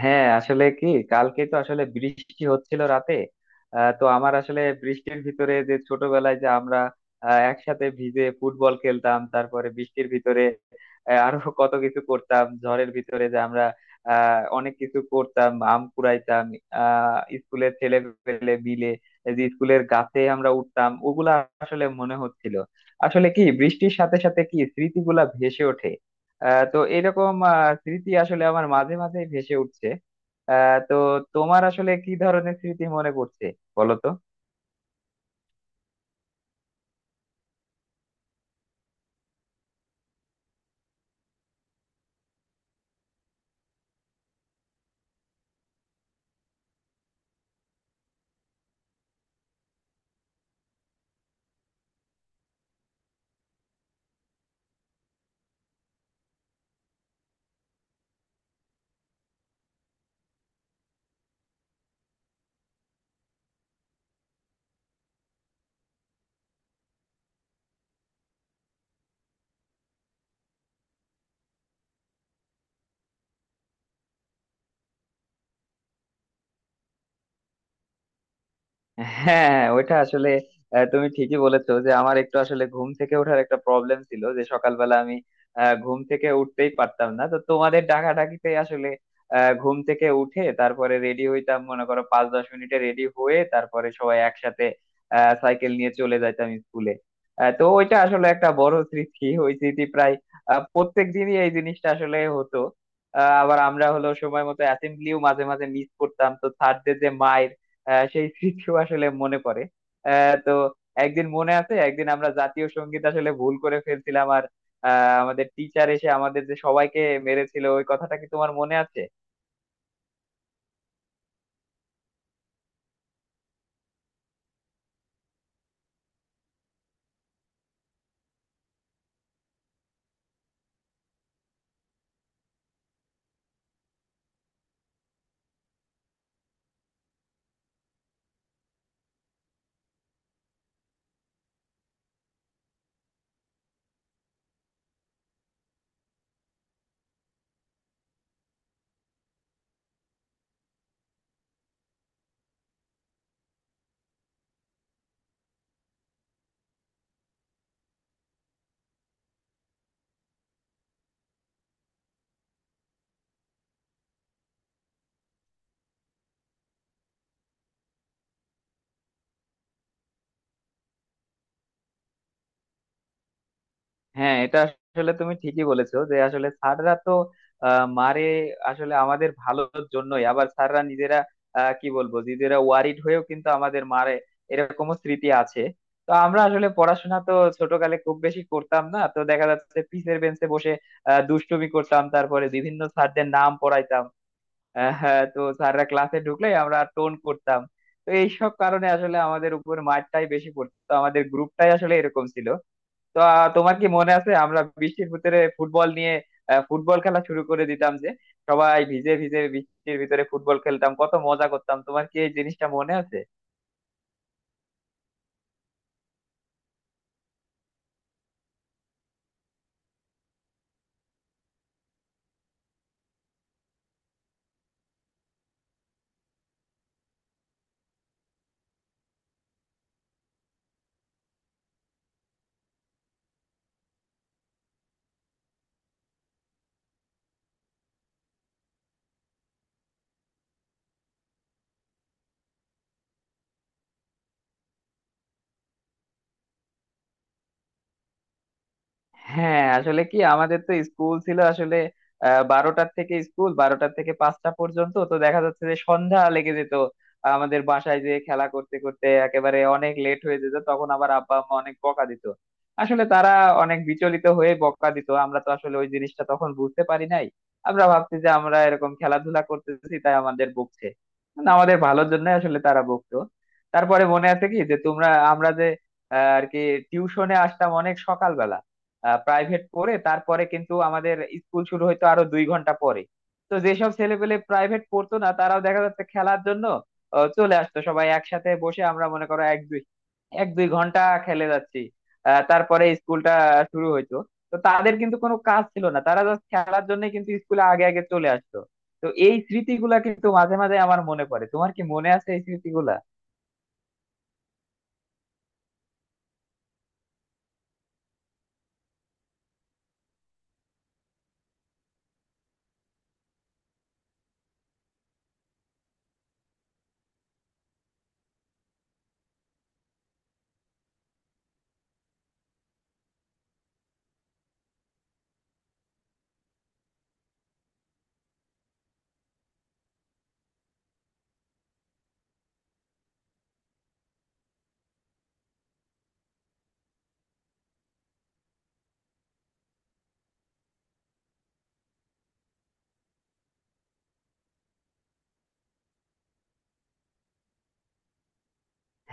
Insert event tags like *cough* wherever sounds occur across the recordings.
হ্যাঁ, আসলে কি, কালকে তো আসলে বৃষ্টি হচ্ছিল রাতে। তো আমার আসলে বৃষ্টির ভিতরে যে ছোটবেলায় যে আমরা একসাথে ভিজে ফুটবল খেলতাম, তারপরে বৃষ্টির ভিতরে আরো *laughs* কত কিছু করতাম, ঝড়ের ভিতরে যে আমরা অনেক কিছু করতাম, আম কুড়াইতাম। স্কুলের ছেলে পেলে মিলে এই যে স্কুলের গাছে আমরা উঠতাম, ওগুলা আসলে মনে হচ্ছিল। আসলে কি বৃষ্টির সাথে সাথে কি স্মৃতিগুলা ভেসে ওঠে। তো এরকম স্মৃতি আসলে আমার মাঝে মাঝে ভেসে উঠছে। তো তোমার আসলে কি ধরনের স্মৃতি মনে পড়ছে? বলো তো। হ্যাঁ, ওইটা আসলে তুমি ঠিকই বলেছো যে আমার একটু আসলে ঘুম থেকে ওঠার একটা প্রবলেম ছিল, যে সকালবেলা আমি ঘুম থেকে উঠতেই পারতাম না। তো তোমাদের ডাকাডাকিতে আসলে ঘুম থেকে উঠে তারপরে রেডি হইতাম, মনে করো 5-10 মিনিটে রেডি হয়ে, তারপরে সবাই একসাথে সাইকেল নিয়ে চলে যাইতাম স্কুলে। তো ওইটা আসলে একটা বড় স্মৃতি, ওই স্মৃতি প্রায় প্রত্যেক দিনই এই জিনিসটা আসলে হতো। আবার আমরা হলো সময় মতো অ্যাসেম্বলিও মাঝে মাঝে মিস করতাম, তো স্যারদের যে মাইর, সেই স্মৃতিও আসলে মনে পড়ে। তো একদিন মনে আছে, একদিন আমরা জাতীয় সঙ্গীত আসলে ভুল করে ফেলছিলাম, আর আমাদের টিচার এসে আমাদের যে সবাইকে মেরেছিল, ওই কথাটা কি তোমার মনে আছে? হ্যাঁ, এটা আসলে তুমি ঠিকই বলেছো যে আসলে স্যাররা তো মারে আসলে আমাদের ভালোর জন্যই। আবার স্যাররা নিজেরা কি বলবো, নিজেরা ওয়ারিড হয়েও কিন্তু আমাদের মারে, এরকমও স্মৃতি আছে। তো আমরা আসলে পড়াশোনা তো ছোটকালে খুব বেশি করতাম না, তো দেখা যাচ্ছে পিসের বেঞ্চে বসে দুষ্টুমি করতাম, তারপরে বিভিন্ন স্যারদের নাম পড়াইতাম। হ্যাঁ, তো স্যাররা ক্লাসে ঢুকলে আমরা টোন করতাম। তো এইসব কারণে আসলে আমাদের উপর মারটাই বেশি পড়তো, আমাদের গ্রুপটাই আসলে এরকম ছিল। তো তোমার কি মনে আছে আমরা বৃষ্টির ভিতরে ফুটবল নিয়ে ফুটবল খেলা শুরু করে দিতাম, যে সবাই ভিজে ভিজে বৃষ্টির ভিতরে ফুটবল খেলতাম, কত মজা করতাম, তোমার কি এই জিনিসটা মনে আছে? হ্যাঁ, আসলে কি আমাদের তো স্কুল ছিল আসলে বারোটার থেকে, স্কুল 12টার থেকে 5টা পর্যন্ত, তো দেখা যাচ্ছে যে সন্ধ্যা লেগে যেত আমাদের, বাসায় যে খেলা করতে করতে একেবারে অনেক লেট হয়ে যেত, তখন আবার আব্বা আম্মা অনেক বকা দিত। আসলে তারা অনেক বিচলিত হয়ে বকা দিত, আমরা তো আসলে ওই জিনিসটা তখন বুঝতে পারি নাই। আমরা ভাবছি যে আমরা এরকম খেলাধুলা করতেছি তাই আমাদের বকছে, না, আমাদের ভালোর জন্য আসলে তারা বকতো। তারপরে মনে আছে কি যে তোমরা, আমরা যে আর কি টিউশনে আসতাম অনেক সকালবেলা, প্রাইভেট পড়ে তারপরে কিন্তু আমাদের স্কুল শুরু হইতো আরো 2 ঘন্টা পরে। তো যেসব ছেলেপেলে প্রাইভেট পড়তো না তারাও দেখা যাচ্ছে খেলার জন্য চলে আসতো, সবাই একসাথে বসে আমরা মনে করো 1-2 ঘন্টা খেলে যাচ্ছি। তারপরে স্কুলটা শুরু হইতো। তো তাদের কিন্তু কোনো কাজ ছিল না, তারা জাস্ট খেলার জন্য কিন্তু স্কুলে আগে আগে চলে আসতো। তো এই স্মৃতিগুলা কিন্তু মাঝে মাঝে আমার মনে পড়ে, তোমার কি মনে আছে এই স্মৃতিগুলা?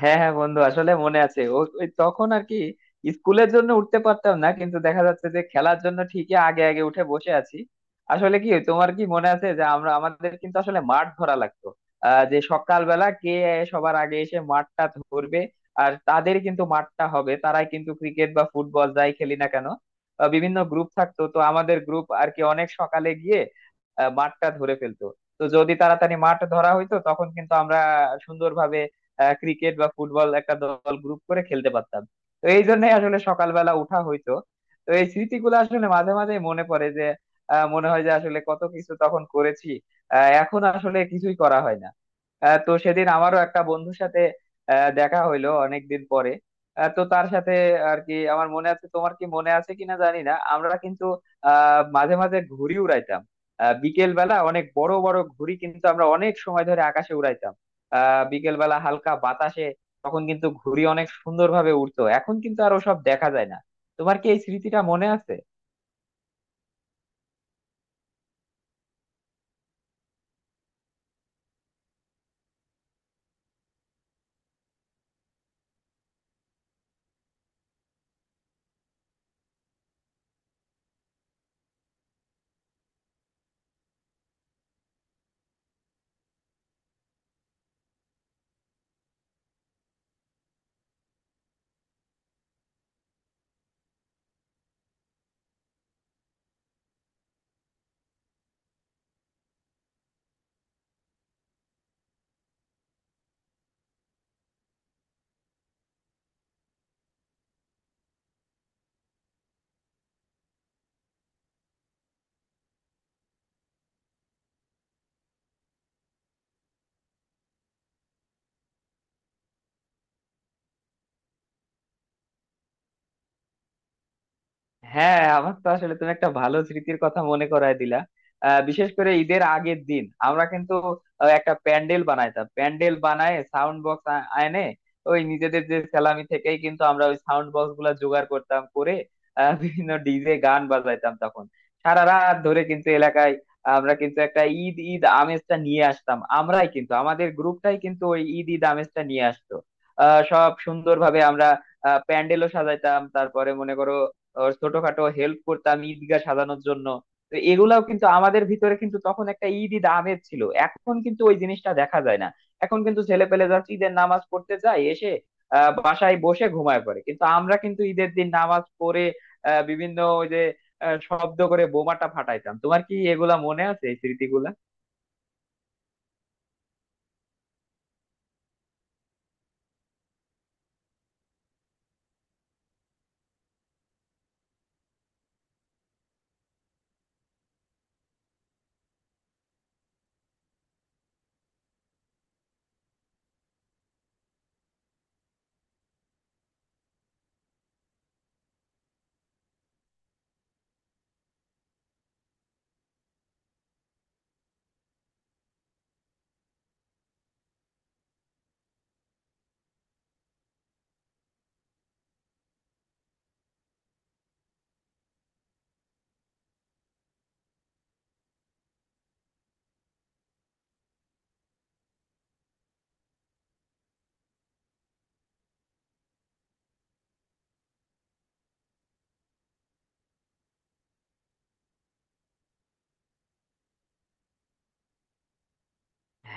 হ্যাঁ, হ্যাঁ বন্ধু, আসলে মনে আছে। ও ওই তখন আর কি স্কুলের জন্য উঠতে পারতাম না, কিন্তু দেখা যাচ্ছে যে খেলার জন্য ঠিকই আগে আগে উঠে বসে আছি। আসলে কি তোমার কি মনে আছে যে আমরা, আমাদের কিন্তু আসলে মাঠ ধরা লাগতো যে সকালবেলা কে সবার আগে এসে মাঠটা ধরবে, আর তাদের কিন্তু মাঠটা হবে, তারাই কিন্তু ক্রিকেট বা ফুটবল যাই খেলি না কেন। বিভিন্ন গ্রুপ থাকতো, তো আমাদের গ্রুপ আর কি অনেক সকালে গিয়ে মাঠটা ধরে ফেলতো। তো যদি তাড়াতাড়ি মাঠ ধরা হইতো তখন কিন্তু আমরা সুন্দরভাবে ক্রিকেট বা ফুটবল একটা দল গ্রুপ করে খেলতে পারতাম। তো এই জন্যই আসলে সকালবেলা উঠা হইতো। তো এই স্মৃতিগুলো আসলে মাঝে মাঝে মনে পড়ে, যে মনে হয় যে আসলে কত কিছু তখন করেছি, এখন আসলে কিছুই করা হয় না। তো সেদিন আমারও একটা বন্ধুর সাথে দেখা হইলো অনেকদিন পরে। তো তার সাথে আর কি আমার মনে আছে, তোমার কি মনে আছে কিনা জানি না, আমরা কিন্তু মাঝে মাঝে ঘুড়ি উড়াইতাম। বিকেল বেলা অনেক বড় বড় ঘুড়ি কিন্তু আমরা অনেক সময় ধরে আকাশে উড়াইতাম। বিকেলবেলা হালকা বাতাসে তখন কিন্তু ঘুড়ি অনেক সুন্দরভাবে উড়তো, এখন কিন্তু আর ওসব দেখা যায় না। তোমার কি এই স্মৃতিটা মনে আছে? হ্যাঁ, আমার তো আসলে তুমি একটা ভালো স্মৃতির কথা মনে করায় দিলা। বিশেষ করে ঈদের আগের দিন আমরা কিন্তু একটা প্যান্ডেল বানাইতাম, প্যান্ডেল বানায় সাউন্ড বক্স আনে। ওই নিজেদের যে স্যালামি থেকেই কিন্তু আমরা ওই সাউন্ড বক্স গুলা জোগাড় করতাম, করে বিভিন্ন ডিজে গান বাজাইতাম তখন। সারা রাত ধরে কিন্তু এলাকায় আমরা কিন্তু একটা ঈদ ঈদ আমেজটা নিয়ে আসতাম, আমরাই কিন্তু আমাদের গ্রুপটাই কিন্তু ওই ঈদ ঈদ আমেজটা নিয়ে আসতো। সব সুন্দরভাবে আমরা প্যান্ডেলও সাজাইতাম, তারপরে মনে করো ওর ছোটখাটো হেল্প করতাম ঈদগাহ সাজানোর জন্য। তো এগুলাও কিন্তু আমাদের ভিতরে কিন্তু তখন একটা ঈদ ঈদ আমেজ ছিল, এখন কিন্তু ওই জিনিসটা দেখা যায় না। এখন কিন্তু ছেলে পেলে যাচ্ছে, ঈদের নামাজ পড়তে যায় এসে বাসায় বসে ঘুমায় পড়ে, কিন্তু আমরা কিন্তু ঈদের দিন নামাজ পড়ে বিভিন্ন ওই যে শব্দ করে বোমাটা ফাটাইতাম। তোমার কি এগুলা মনে আছে, এই স্মৃতিগুলা?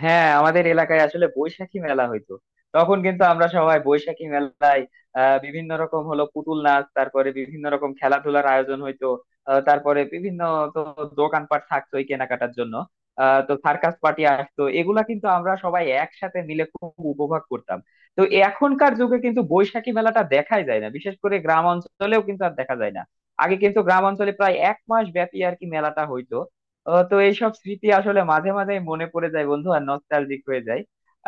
হ্যাঁ, আমাদের এলাকায় আসলে বৈশাখী মেলা হইতো, তখন কিন্তু আমরা সবাই বৈশাখী মেলায় বিভিন্ন রকম হলো পুতুল নাচ, তারপরে বিভিন্ন রকম খেলাধুলার আয়োজন হইতো। তারপরে বিভিন্ন, তো দোকানপাট থাকতোই কেনাকাটার জন্য। তো সার্কাস পার্টি আসতো, এগুলা কিন্তু আমরা সবাই একসাথে মিলে খুব উপভোগ করতাম। তো এখনকার যুগে কিন্তু বৈশাখী মেলাটা দেখাই যায় না, বিশেষ করে গ্রাম অঞ্চলেও কিন্তু আর দেখা যায় না। আগে কিন্তু গ্রাম অঞ্চলে প্রায় এক মাস ব্যাপী আর কি মেলাটা হইতো। তো এইসব স্মৃতি আসলে মাঝে মাঝে মনে পড়ে যায় বন্ধু, আর নস্টালজিক হয়ে যায়।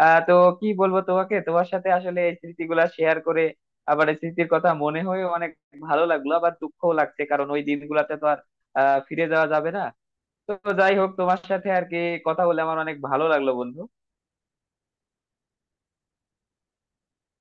তো কি বলবো তোমাকে, তোমার সাথে আসলে এই স্মৃতিগুলা শেয়ার করে আবার এই স্মৃতির কথা মনে হয়ে অনেক ভালো লাগলো, আবার দুঃখও লাগছে কারণ ওই দিনগুলাতে তো আর ফিরে যাওয়া যাবে না। তো যাই হোক, তোমার সাথে আর কি কথা বলে আমার অনেক ভালো লাগলো বন্ধু।